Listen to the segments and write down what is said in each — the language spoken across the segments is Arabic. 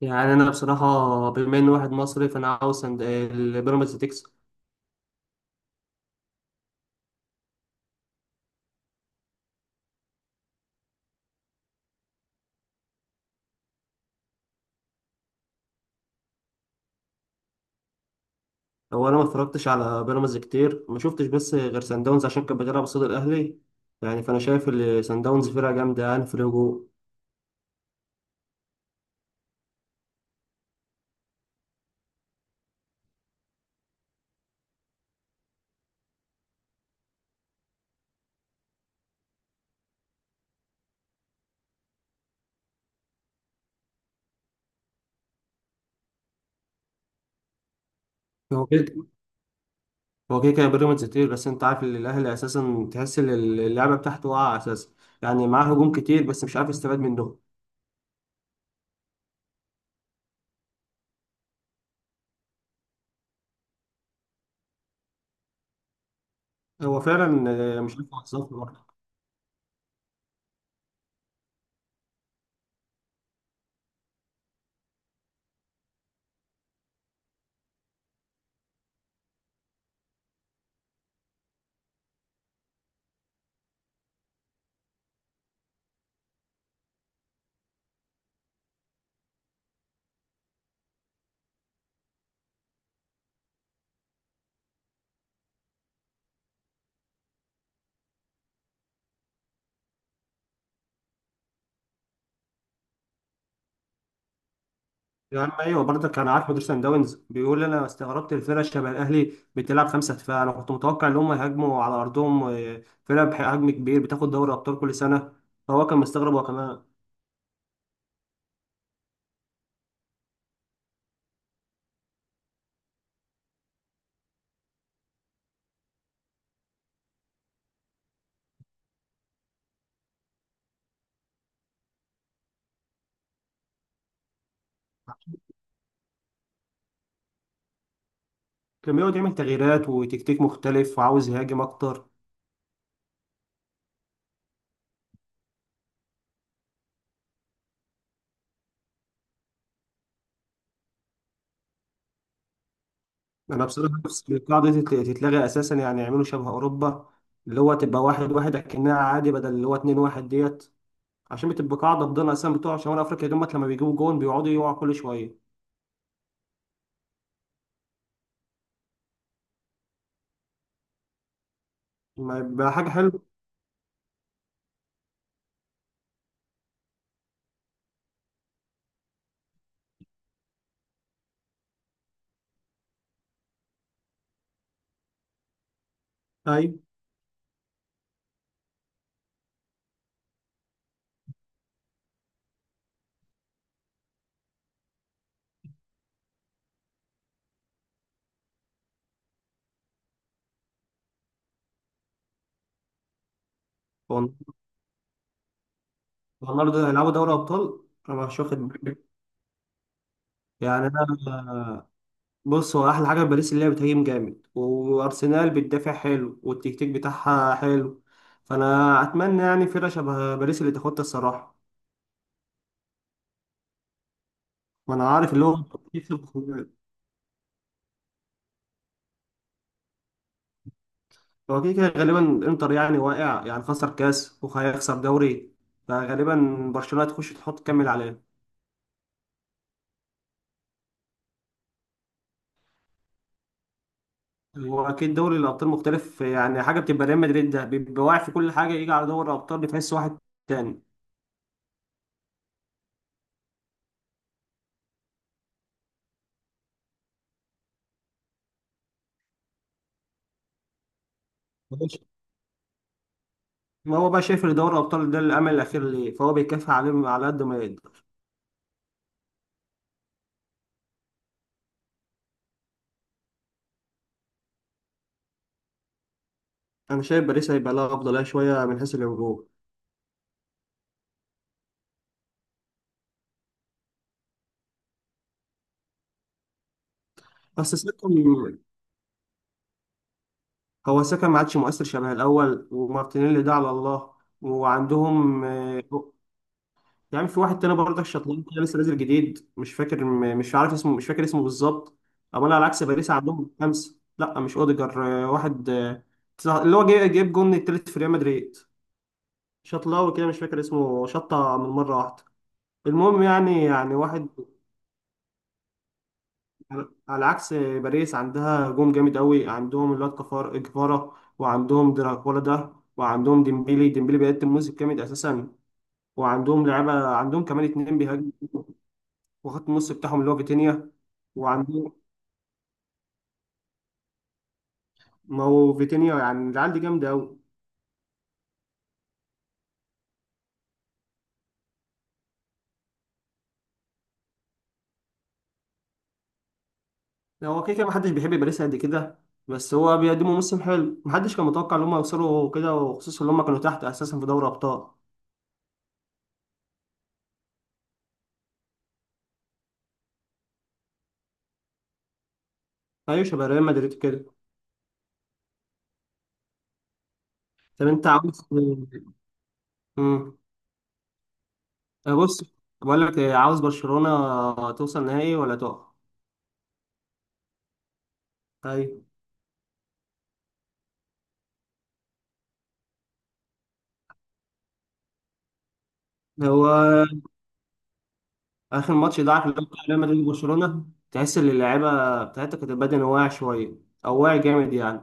يعني انا بصراحه، بما اني واحد مصري فانا عاوز سند البيراميدز تكسب. هو انا ما اتفرجتش على بيراميدز كتير، ما شفتش بس غير سان داونز عشان كان بيلعب قصاد الاهلي. يعني فانا شايف ان سان داونز فرقه جامده، يعني في الهجوم. هو كده. هو كده كان بيراميدز كتير، بس انت عارف ان الاهلي اساسا تحس ان اللعبه بتاعته واقعه اساسا. يعني معاه هجوم كتير بس مش عارف يستفاد منهم. هو فعلا. مش عارف يوظفه. يا عم ايوه، برضك انا عارف مدير سان داونز بيقول انا استغربت الفرقه شبه الاهلي بتلعب 5 دفاع، انا كنت متوقع ان هم يهاجموا على ارضهم، فرقه بحجم كبير بتاخد دوري ابطال كل سنه. فهو كان مستغرب هو كمان. كان بيقعد يعمل تغييرات وتكتيك مختلف وعاوز يهاجم اكتر. انا بصراحه نفسي القاعده دي تتلغي اساسا، يعني يعملوا شبه اوروبا، اللي هو تبقى واحد واحد اكنها عادي بدل اللي هو اتنين واحد ديت. عشان بتبقى قاعده فضلنا اساسا بتوع شمال افريقيا دول، لما بيجيبوا جون بيقعدوا يقعوا كل شويه. ما يبقى حاجه حلوه. ايوه. النهارده هيلعبوا دوري ابطال. انا مش واخد بالي. يعني انا. بص، هو احلى حاجه في باريس اللي هي بتهاجم جامد، وارسنال بتدافع حلو والتكتيك بتاعها حلو. فانا اتمنى، يعني، فرقه شبه باريس اللي تاخدها الصراحه. وانا عارف اللي هو يكسب خروجات. هو كده كده غالبا انتر يعني واقع، يعني خسر كاس وهيخسر دوري، فغالبا برشلونه هتخش تحط تكمل عليه. هو اكيد دوري الابطال مختلف، يعني حاجه بتبقى ريال مدريد ده بيبقى واقع في كل حاجه، يجي على دوري الابطال بتحس واحد تاني. ما هو بقى شايف ان دوري الابطال ده الامل الاخير ليه، فهو بيكافح عليهم على قد ما يقدر. انا شايف باريس هيبقى لها افضليه شويه من حيث الهجوم. بس ساكا. هو ساكا ما عادش مؤثر شبه الاول، ومارتينيلي ده على الله. وعندهم يعني في واحد تاني برضه شطلان كده لسه نازل جديد، مش فاكر مش عارف اسمه، مش فاكر اسمه بالظبط. اما انا على عكس باريس عندهم خمسه، لا مش اوديجر، واحد، اللي هو جايب جون التالت في ريال مدريد. شطلاوي كده مش فاكر اسمه، شطه من مره واحده. المهم، يعني واحد. على عكس باريس عندها هجوم جامد قوي، عندهم الواد كفار كفارة، وعندهم دراكولا ده، وعندهم ديمبيلي. ديمبيلي بيقدم موسم جامد اساسا. وعندهم لعيبه، عندهم كمان اتنين بيهاجموا، وخط النص بتاعهم اللي هو فيتينيا. وعندهم، ما هو فيتينيا، يعني العيال دي جامده قوي. هو كده كده محدش بيحب باريس قد كده، بس هو بيقدموا موسم حلو، محدش كان متوقع ان هم يوصلوا كده، وخصوصا ان هم كانوا تحت اساسا في دوري ابطال. ايوه شبه ريال مدريد كده. طب انت عاوز. مم. بص، بقول لك، عاوز برشلونة توصل نهائي ولا تقع؟ ايوه. هو اخر ماتش ده، عارف اللي هو بتاع ريال مدريد وبرشلونة، تحس ان اللعيبه بتاعتها كانت البدن واقع شويه، او واقع جامد يعني.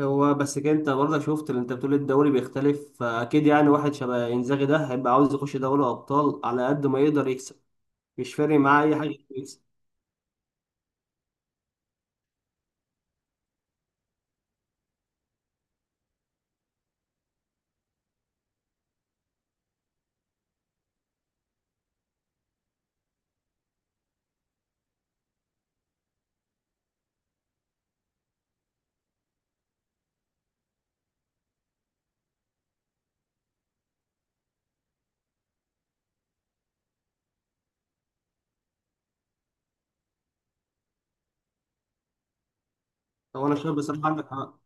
هو بس كده انت برضه شفت اللي انت بتقول الدوري بيختلف، فاكيد يعني واحد شبه انزاغي ده هيبقى عاوز يخش دوري ابطال على قد ما يقدر يكسب، مش فارق معاه اي حاجه يكسب. هو انا شايف بصراحه عندك حق.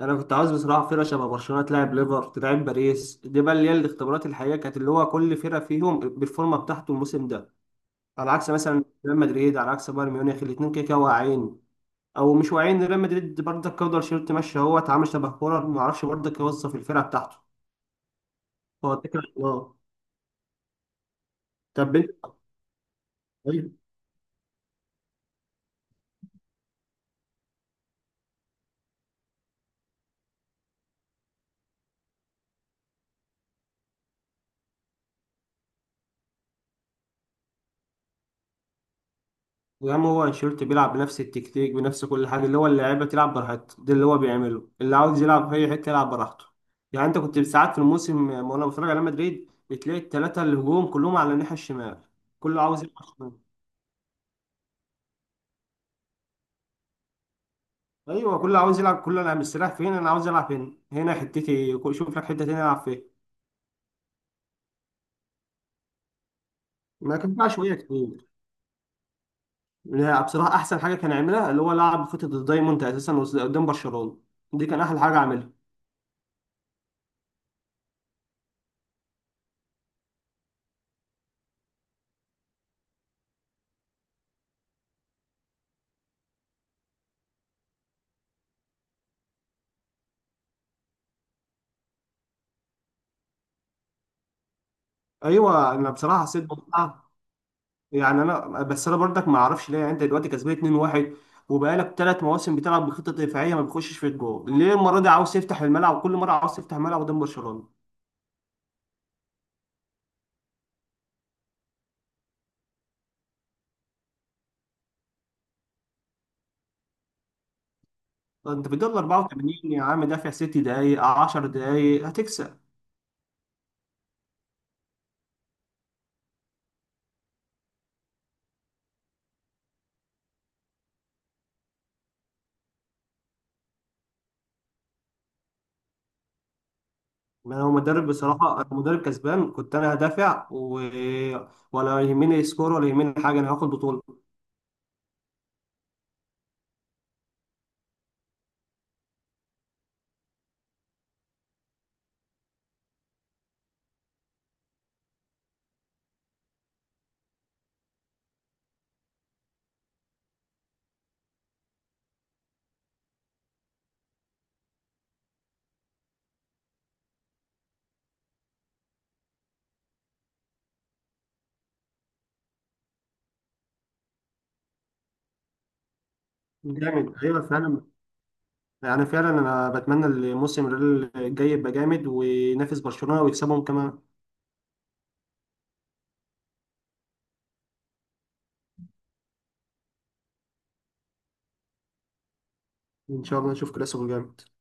انا كنت عاوز بصراحه فرقه شبه برشلونه تلعب، ليفر تلعب، باريس دي، بقى اللي هي الاختبارات الحقيقيه، كانت اللي هو كل فرقه فيهم بالفورمه بتاعته الموسم ده. على عكس مثلا ريال مدريد، على عكس بايرن ميونخ، الاثنين كده كده واقعين، او مش واقعين. ريال مدريد برضه كولر شيرت ماشي، هو اتعامل شبه كولر، ما اعرفش برضه يوظف الفرقه بتاعته. هو الفكره في الله. طب انت. طيب. يا عم هو انشيلوتي بيلعب بنفس التكتيك بنفس كل حاجه، اللي هو اللعيبه تلعب براحتها، ده اللي هو بيعمله، اللي عاوز يلعب في اي حته يلعب براحته. يعني انت كنت ساعات في الموسم، وانا بتفرج على مدريد بتلاقي الثلاثه الهجوم كلهم على الناحيه الشمال. كله عاوز يلعب شمال. ايوه كله عاوز يلعب، كله انا مستريح فين، انا عاوز العب هنا، هنا حتتي، شوف لك حته تانيه العب فيها. ما كان فيها شويه كتير. لا، بصراحه احسن حاجه كان يعملها اللي هو لعب خطه الدايموند اساسا قدام برشلونه. دي كان احلى حاجه عملها. ايوه انا بصراحه حسيت بمتعه. يعني انا بس، انا برضك ما اعرفش ليه، يعني انت دلوقتي كسبان 2-1، وبقالك 3 مواسم بتلعب بخطه دفاعيه ما بيخشش في الجول، ليه المره دي عاوز تفتح الملعب وكل مره عاوز تفتح الملعب قدام برشلونه؟ طب انت في الدقيقه 84 يا عم دافع 6 دقايق، 10 دقايق هتكسب. ما هو مدرب بصراحه، انا مدرب كسبان، كنت انا هدافع. و... ولا يهمني سكور ولا يهمني حاجه، انا هاخد بطوله. جامد، ايوه فعلا. يعني فعلا انا بتمنى الموسم الجاي يبقى جامد، وينافس برشلونه ويكسبهم كمان. ان شاء الله نشوف كلاسيكو جامد.